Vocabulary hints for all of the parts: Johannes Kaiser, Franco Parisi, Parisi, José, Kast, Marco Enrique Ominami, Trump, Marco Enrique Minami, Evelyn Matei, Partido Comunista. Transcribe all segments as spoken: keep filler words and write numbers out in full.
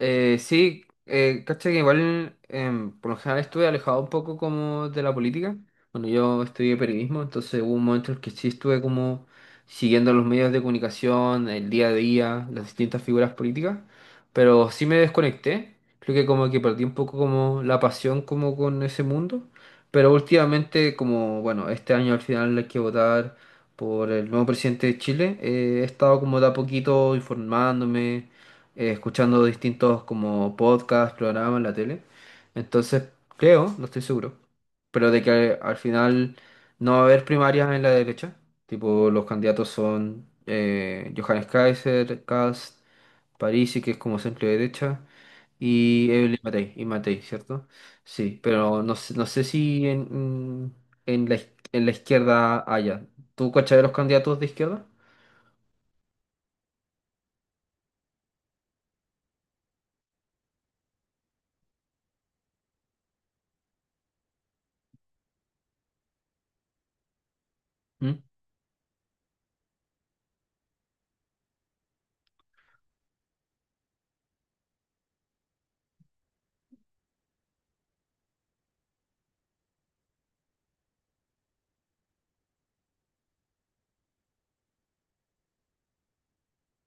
Eh, sí, eh, cacha que igual em, por lo general estuve alejado un poco como de la política. Bueno, yo estudié periodismo, entonces hubo un momento en el que sí estuve como siguiendo los medios de comunicación, el día a día, las distintas figuras políticas, pero sí me desconecté. Creo que como que perdí un poco como la pasión como con ese mundo, pero últimamente como, bueno, este año al final hay que votar por el nuevo presidente de Chile, eh, he estado como de a poquito informándome eh, escuchando distintos como podcasts, programas en la tele. Entonces, creo, no estoy seguro, pero de que al final no va a haber primarias en la derecha. Tipo, los candidatos son eh, Johannes Kaiser, Kast, Parisi, que es como centro derecha, y Evelyn Matei, y Matei, ¿cierto? Sí, pero no, sé- no sé si en, en la, iz- en la izquierda haya. ¿Tú cachai de los candidatos de izquierda?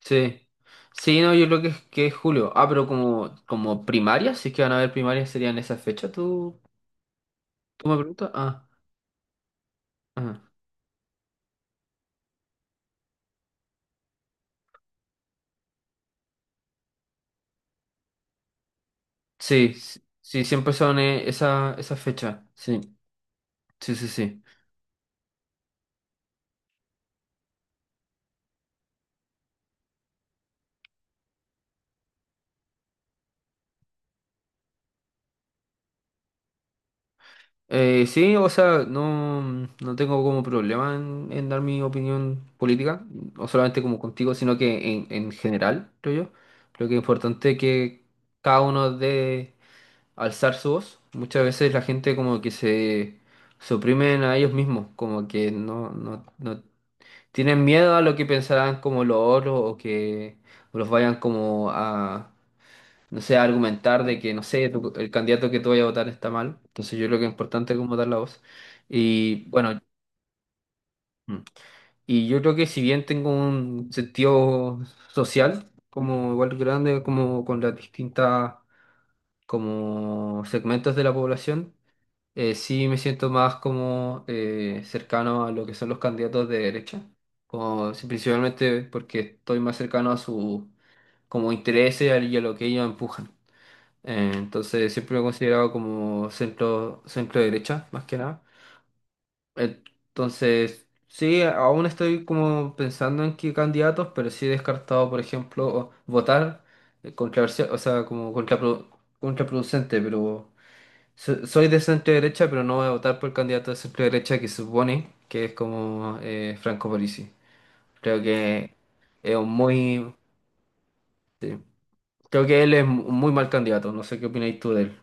Sí. Sí, no, yo creo que es, que es julio. Ah, pero como, como primarias, si es que van a haber primarias, serían esas fechas, ¿tú, tú me preguntas? Ah, ajá. Sí, sí, sí, siempre son eh, esa, esas fechas. Sí, sí, sí, sí. Eh, sí, o sea, no, no tengo como problema en, en dar mi opinión política, no solamente como contigo, sino que en, en general, creo yo. Creo que es importante que cada uno dé alzar su voz. Muchas veces la gente como que se suprimen a ellos mismos, como que no, no, no tienen miedo a lo que pensarán como los otros o que los vayan como a, no sé, a argumentar de que, no sé, tu- el candidato que tú vayas a votar está mal. Entonces yo creo que es importante como dar la voz. Y bueno, mm, y yo creo que si bien tengo un sentido social, como igual grande, como con las distintas como segmentos de la población, Eh, sí me siento más como eh, cercano a lo que son los candidatos de derecha, como, sí, principalmente porque estoy más cercano a su como intereses y a y a lo que ellos empujan. Eh, entonces siempre me he considerado como centro, centro derecha, más que nada. Entonces, sí, aún estoy como pensando en qué candidatos, pero sí he descartado, por ejemplo, votar eh, controversia, o sea, como contrapro- contraproducente, pero So- Soy de centro derecha, pero no voy a votar por el candidato de centro derecha que se supone que es como eh, Franco Parisi. Creo que es un muy... Sí. Creo que él es un muy mal candidato. No sé qué opináis tú de él.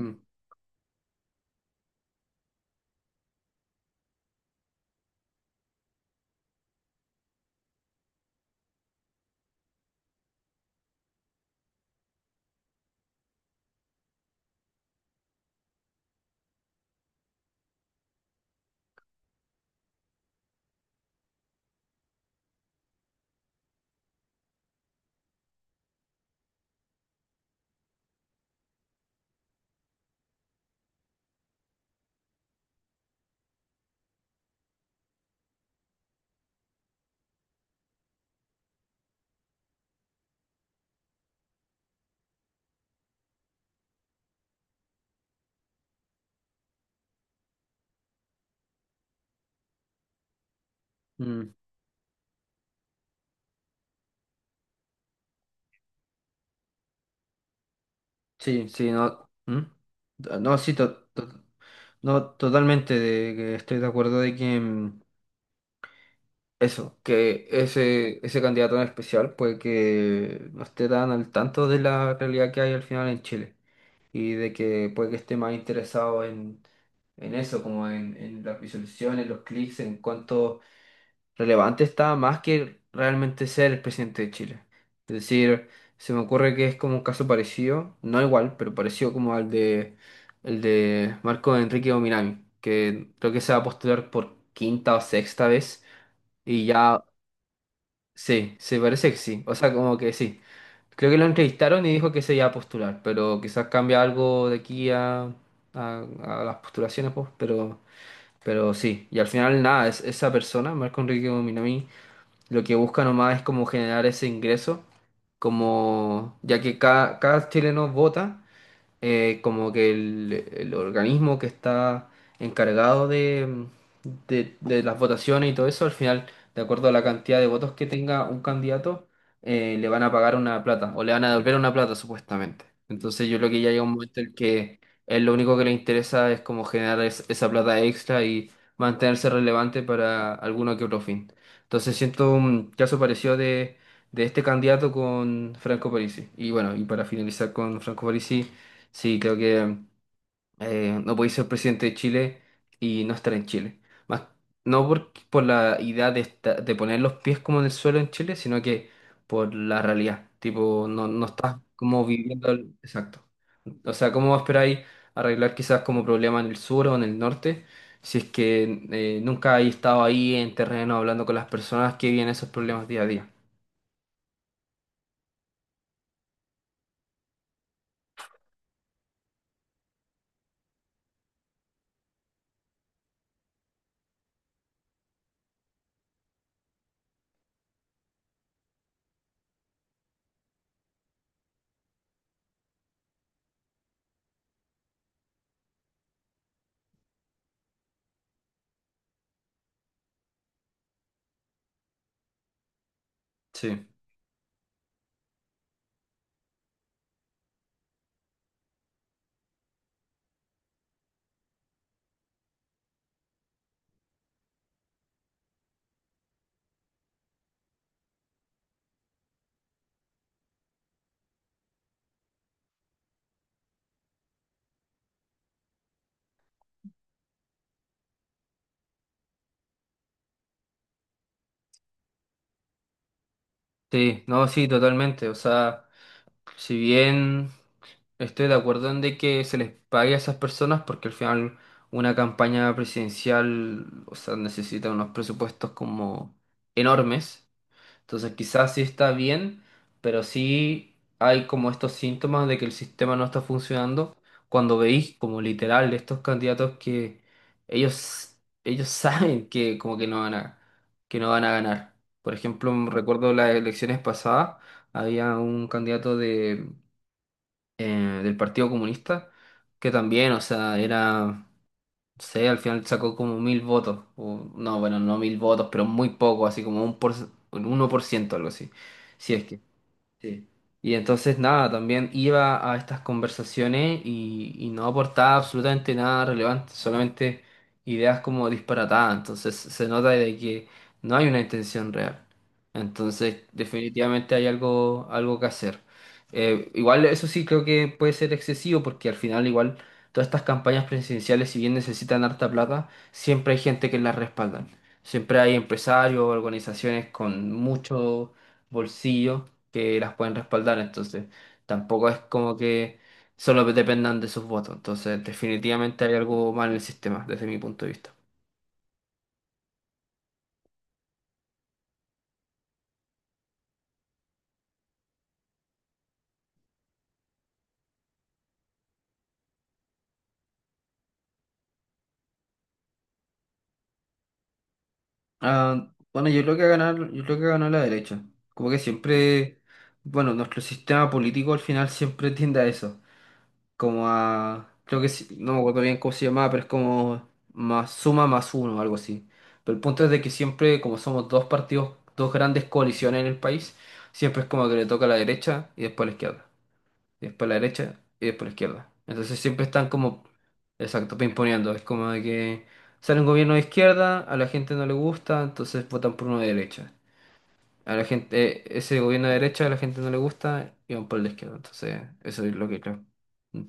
Mm, mm. Sí, sí, no... ¿Mm? No, sí, to- to- no, totalmente de que estoy de acuerdo de que mm, eso, que ese, ese candidato en especial, pues que no esté tan al tanto de la realidad que hay al final en Chile, y de que puede que esté más interesado en, en eso, como en, en las visualizaciones, los clics, en cuánto relevante está, más que realmente ser el presidente de Chile. Es decir, se me ocurre que es como un caso parecido, no igual, pero parecido como al de, el de Marco Enrique Ominami, que creo que se va a postular por quinta o sexta vez y ya, sí, se parece que sí, o sea, como que sí. Creo que lo entrevistaron y dijo que se iba a postular, pero quizás cambia algo de aquí a, a- a las postulaciones, pues, pero, pero sí. Y al final, nada, es, esa persona, Marco Enrique Minami, lo que busca nomás es como generar ese ingreso, como ya que cada, cada chileno vota eh, como que el, el organismo que está encargado de, de- de las votaciones y todo eso, al final, de acuerdo a la cantidad de votos que tenga un candidato, eh, le van a pagar una plata o le van a devolver una plata supuestamente. Entonces yo creo que ya llega un momento en que él lo único que le interesa es como generar es- esa plata extra y mantenerse relevante para alguno que otro fin. Entonces siento un caso parecido de de este candidato con Franco Parisi. Y bueno, y para finalizar con Franco Parisi, sí, creo que eh, no podéis ser presidente de Chile y no estar en Chile. Más, no por, por la idea de, esta- de poner los pies como en el suelo en Chile, sino que por la realidad. Tipo, no, no estás como viviendo el- Exacto. O sea, ¿cómo esperáis arreglar quizás como problema en el sur o en el norte? Si es que eh, nunca hay estado ahí en terreno hablando con las personas que viven esos problemas día a día. Sí. Sí, no, sí, totalmente. O sea, si bien... Estoy de acuerdo en de que se les pague a esas personas porque al final una campaña presidencial, o sea, necesita unos presupuestos como enormes. Entonces quizás sí está bien, pero sí hay como estos síntomas de que el sistema no está funcionando. Cuando veis como literal estos candidatos que ellos, ellos saben que como que no van a, que no van a ganar. Por ejemplo, recuerdo las elecciones pasadas, había un candidato de eh, del Partido Comunista, que también, o sea, era, no sé, al final sacó como mil votos, o, no, bueno, no mil votos, pero muy poco, así como un por, un uno por ciento algo así, si es que. Sí. Y entonces nada, también iba a estas conversaciones y, y no aportaba absolutamente nada relevante, solamente ideas como disparatadas. Entonces se nota de que no hay una intención real. Entonces definitivamente hay algo, algo que hacer. Eh, igual eso sí creo que puede ser excesivo porque al final igual todas estas campañas presidenciales, si bien necesitan harta plata, siempre hay gente que las respaldan. Siempre hay empresarios, organizaciones con mucho bolsillo que las pueden respaldar, entonces tampoco es como que solo dependan de sus votos, entonces definitivamente hay algo mal en el sistema desde mi punto de vista. Ah, bueno, yo creo que ganar, yo creo que ganó la derecha, como que siempre, bueno, nuestro sistema político al final siempre tiende a eso, como a, creo que sí- no me acuerdo bien cómo se llamaba, pero es como más suma más uno, algo así. Pero el punto es de que siempre, como somos dos partidos, dos grandes coaliciones en el país, siempre es como que le toca a la derecha y después a la izquierda, y después la derecha y después la izquierda. Entonces siempre están como, exacto, pimponeando. Es como de que sale un gobierno de izquierda, a la gente no le gusta, entonces votan por uno de derecha. A la gente, eh, ese gobierno de derecha a la gente no le gusta y van por el de izquierda. Entonces, eso es lo que creo. Mm,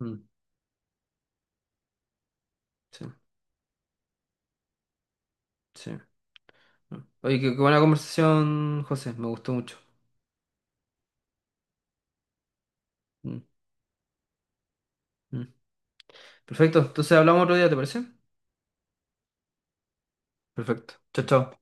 mm, sí, sí. Mm. Oye, qué, qué buena conversación, José, me gustó mucho. Mm, mm. Perfecto, entonces hablamos otro día, ¿te parece? Perfecto. Chao, chao.